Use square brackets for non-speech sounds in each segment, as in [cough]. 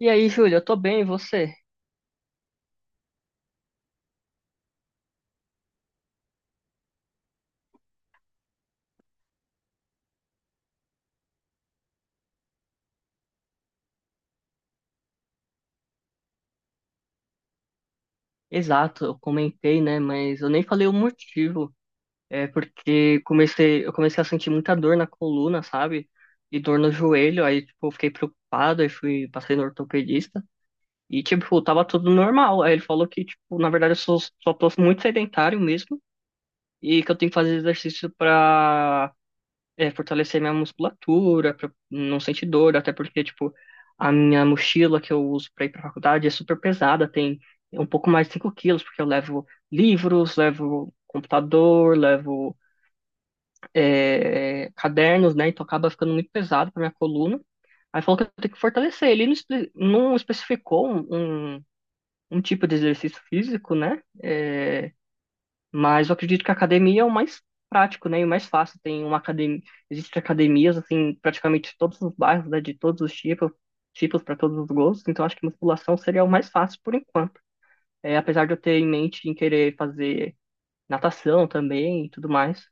E aí, Júlio, eu tô bem, e você? Exato, eu comentei, né? Mas eu nem falei o motivo. É porque eu comecei a sentir muita dor na coluna, sabe? E dor no joelho, aí tipo, eu fiquei preocupado, aí fui, passei no ortopedista. E tipo, tava tudo normal. Aí ele falou que, tipo, na verdade eu sou, só tô muito sedentário mesmo e que eu tenho que fazer exercício pra fortalecer minha musculatura, pra não sentir dor, até porque, tipo, a minha mochila que eu uso pra ir pra faculdade é super pesada, tem um pouco mais de 5 quilos, porque eu levo livros, levo computador, levo cadernos, né? Então acaba ficando muito pesado pra minha coluna. Aí falou que eu tenho que fortalecer. Ele não especificou um tipo de exercício físico, né? Mas eu acredito que a academia é o mais prático, né? E o mais fácil. Tem uma academia, existem academias assim, praticamente em todos os bairros, né? De todos os tipos, tipos para todos os gostos. Então acho que musculação seria o mais fácil por enquanto. É, apesar de eu ter em mente em querer fazer natação também e tudo mais.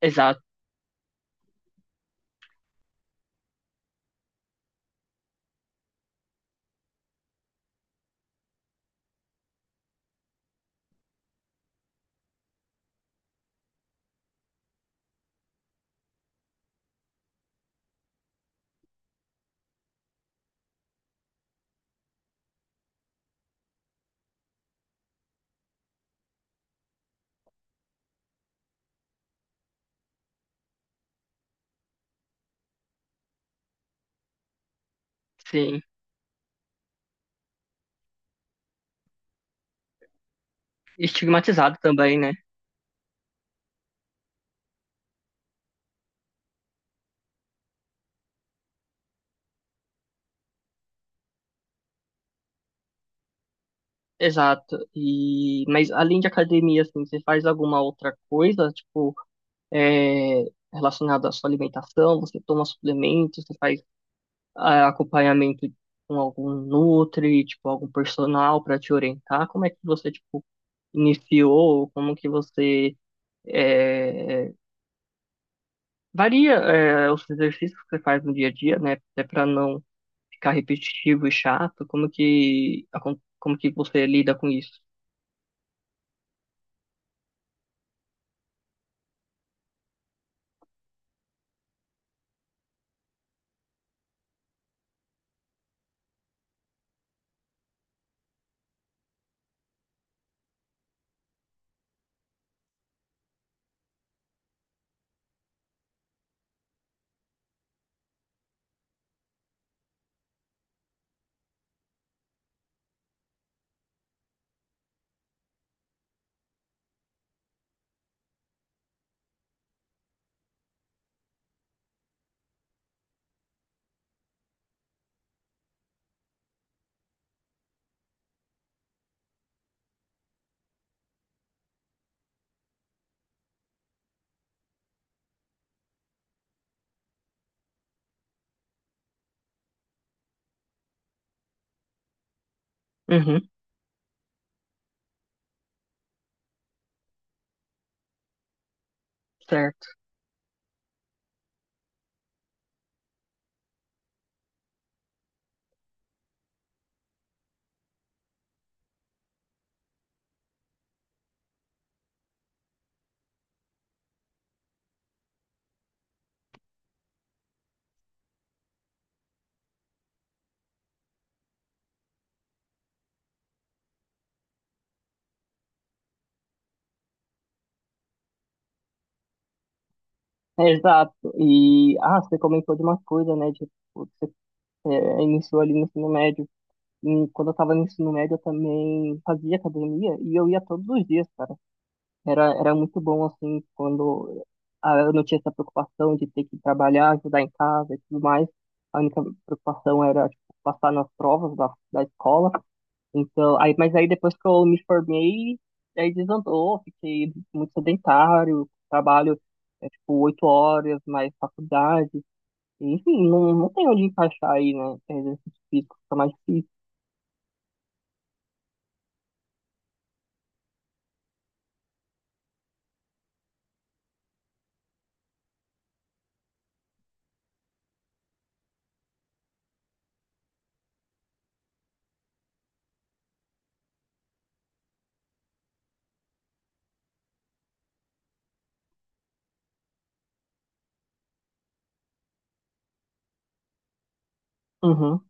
Exato, sim. Estigmatizado também, né? Exato. E mas além de academia, assim, você faz alguma outra coisa, tipo, é, relacionada à sua alimentação? Você toma suplementos? Você faz ah, acompanhamento com algum nutri, tipo, algum personal para te orientar? Como é que você, tipo, iniciou? Como que você é, varia os exercícios que você faz no dia a dia, né? Até para não ficar repetitivo e chato. Como que você lida com isso? Uhum, certo. É, exato. E, ah, você comentou de uma coisa, né? De, tipo, você iniciou ali no ensino médio. E quando eu tava no ensino médio, eu também fazia academia e eu ia todos os dias, cara. Era muito bom, assim, quando ah, eu não tinha essa preocupação de ter que trabalhar, ajudar em casa e tudo mais. A única preocupação era, tipo, passar nas provas da escola. Então, aí, mas aí depois que eu me formei, aí desandou, fiquei muito sedentário, trabalho, é, tipo, oito horas, mais faculdade. Enfim, não tem onde encaixar aí, né? Exercício físico fica mais difícil. Uhum,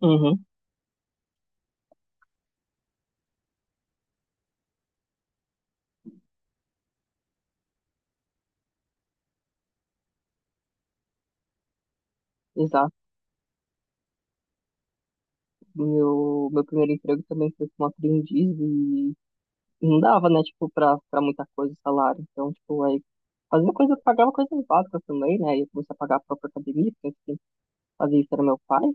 uhum, exato. Meu primeiro emprego também foi como aprendiz e não dava, né, tipo, pra muita coisa o salário. Então, tipo, aí fazia coisa, pagava coisas básicas também, né? E eu comecei a pagar a própria academia, porque quem fazia isso era meu pai.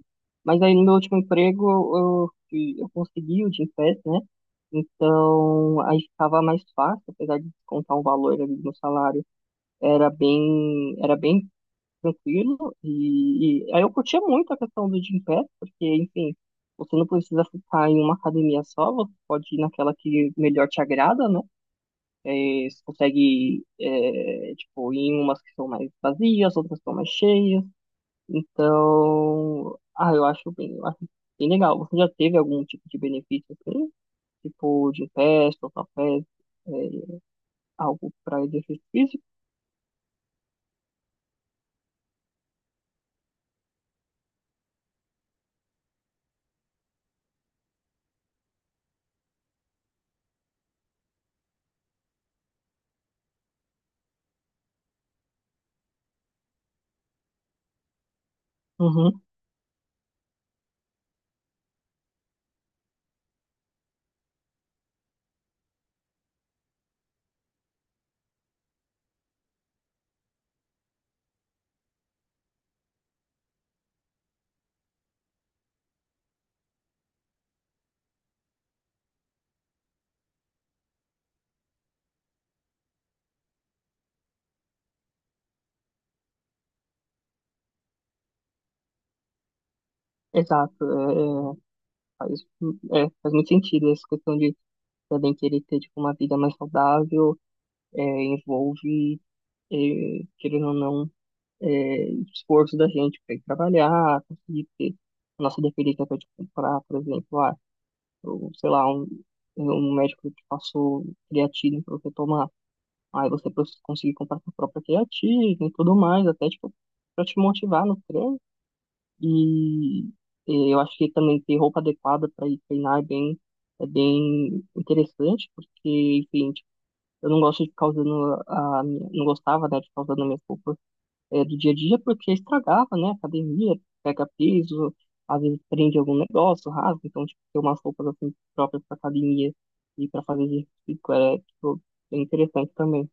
Mas aí no meu último emprego eu consegui o Gympass, né? Então aí ficava mais fácil, apesar de descontar um valor ali no salário, era bem tranquilo. E aí eu curtia muito a questão do Gympass, porque, enfim, você não precisa ficar em uma academia só, você pode ir naquela que melhor te agrada, né? É, você consegue, é, tipo, ir em umas que são mais vazias, outras que são mais cheias. Então, ah, eu acho bem legal. Você já teve algum tipo de benefício assim? Tipo, de festa ou café, é, algo para exercício físico? Uhum, exato. É, faz, é, faz muito sentido essa questão de também querer ter, tipo, uma vida mais saudável, é, envolve, é, querendo ou não, é, esforço da gente para ir trabalhar, conseguir ter a nossa dependência para te comprar, por exemplo, ah, ou, sei lá, um médico te passou creatina para você tomar, aí você pros- conseguir comprar sua própria creatina e tudo mais, até tipo, para te motivar no treino. E eh, eu acho que também ter roupa adequada para ir treinar é bem interessante, porque, enfim, tipo, eu não gosto de ficar usando a minha, não gostava, né, de ficar usando minhas roupas do dia a dia, porque estragava, né? Academia, pega peso, às vezes prende algum negócio, rasga, então, tipo, ter umas roupas assim próprias para academia e para fazer exercício é, tipo, é interessante também.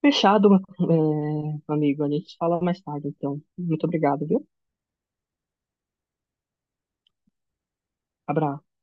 Fechado, [laughs] é, amigo, a gente fala mais tarde, então. Muito obrigado, viu? Abraço.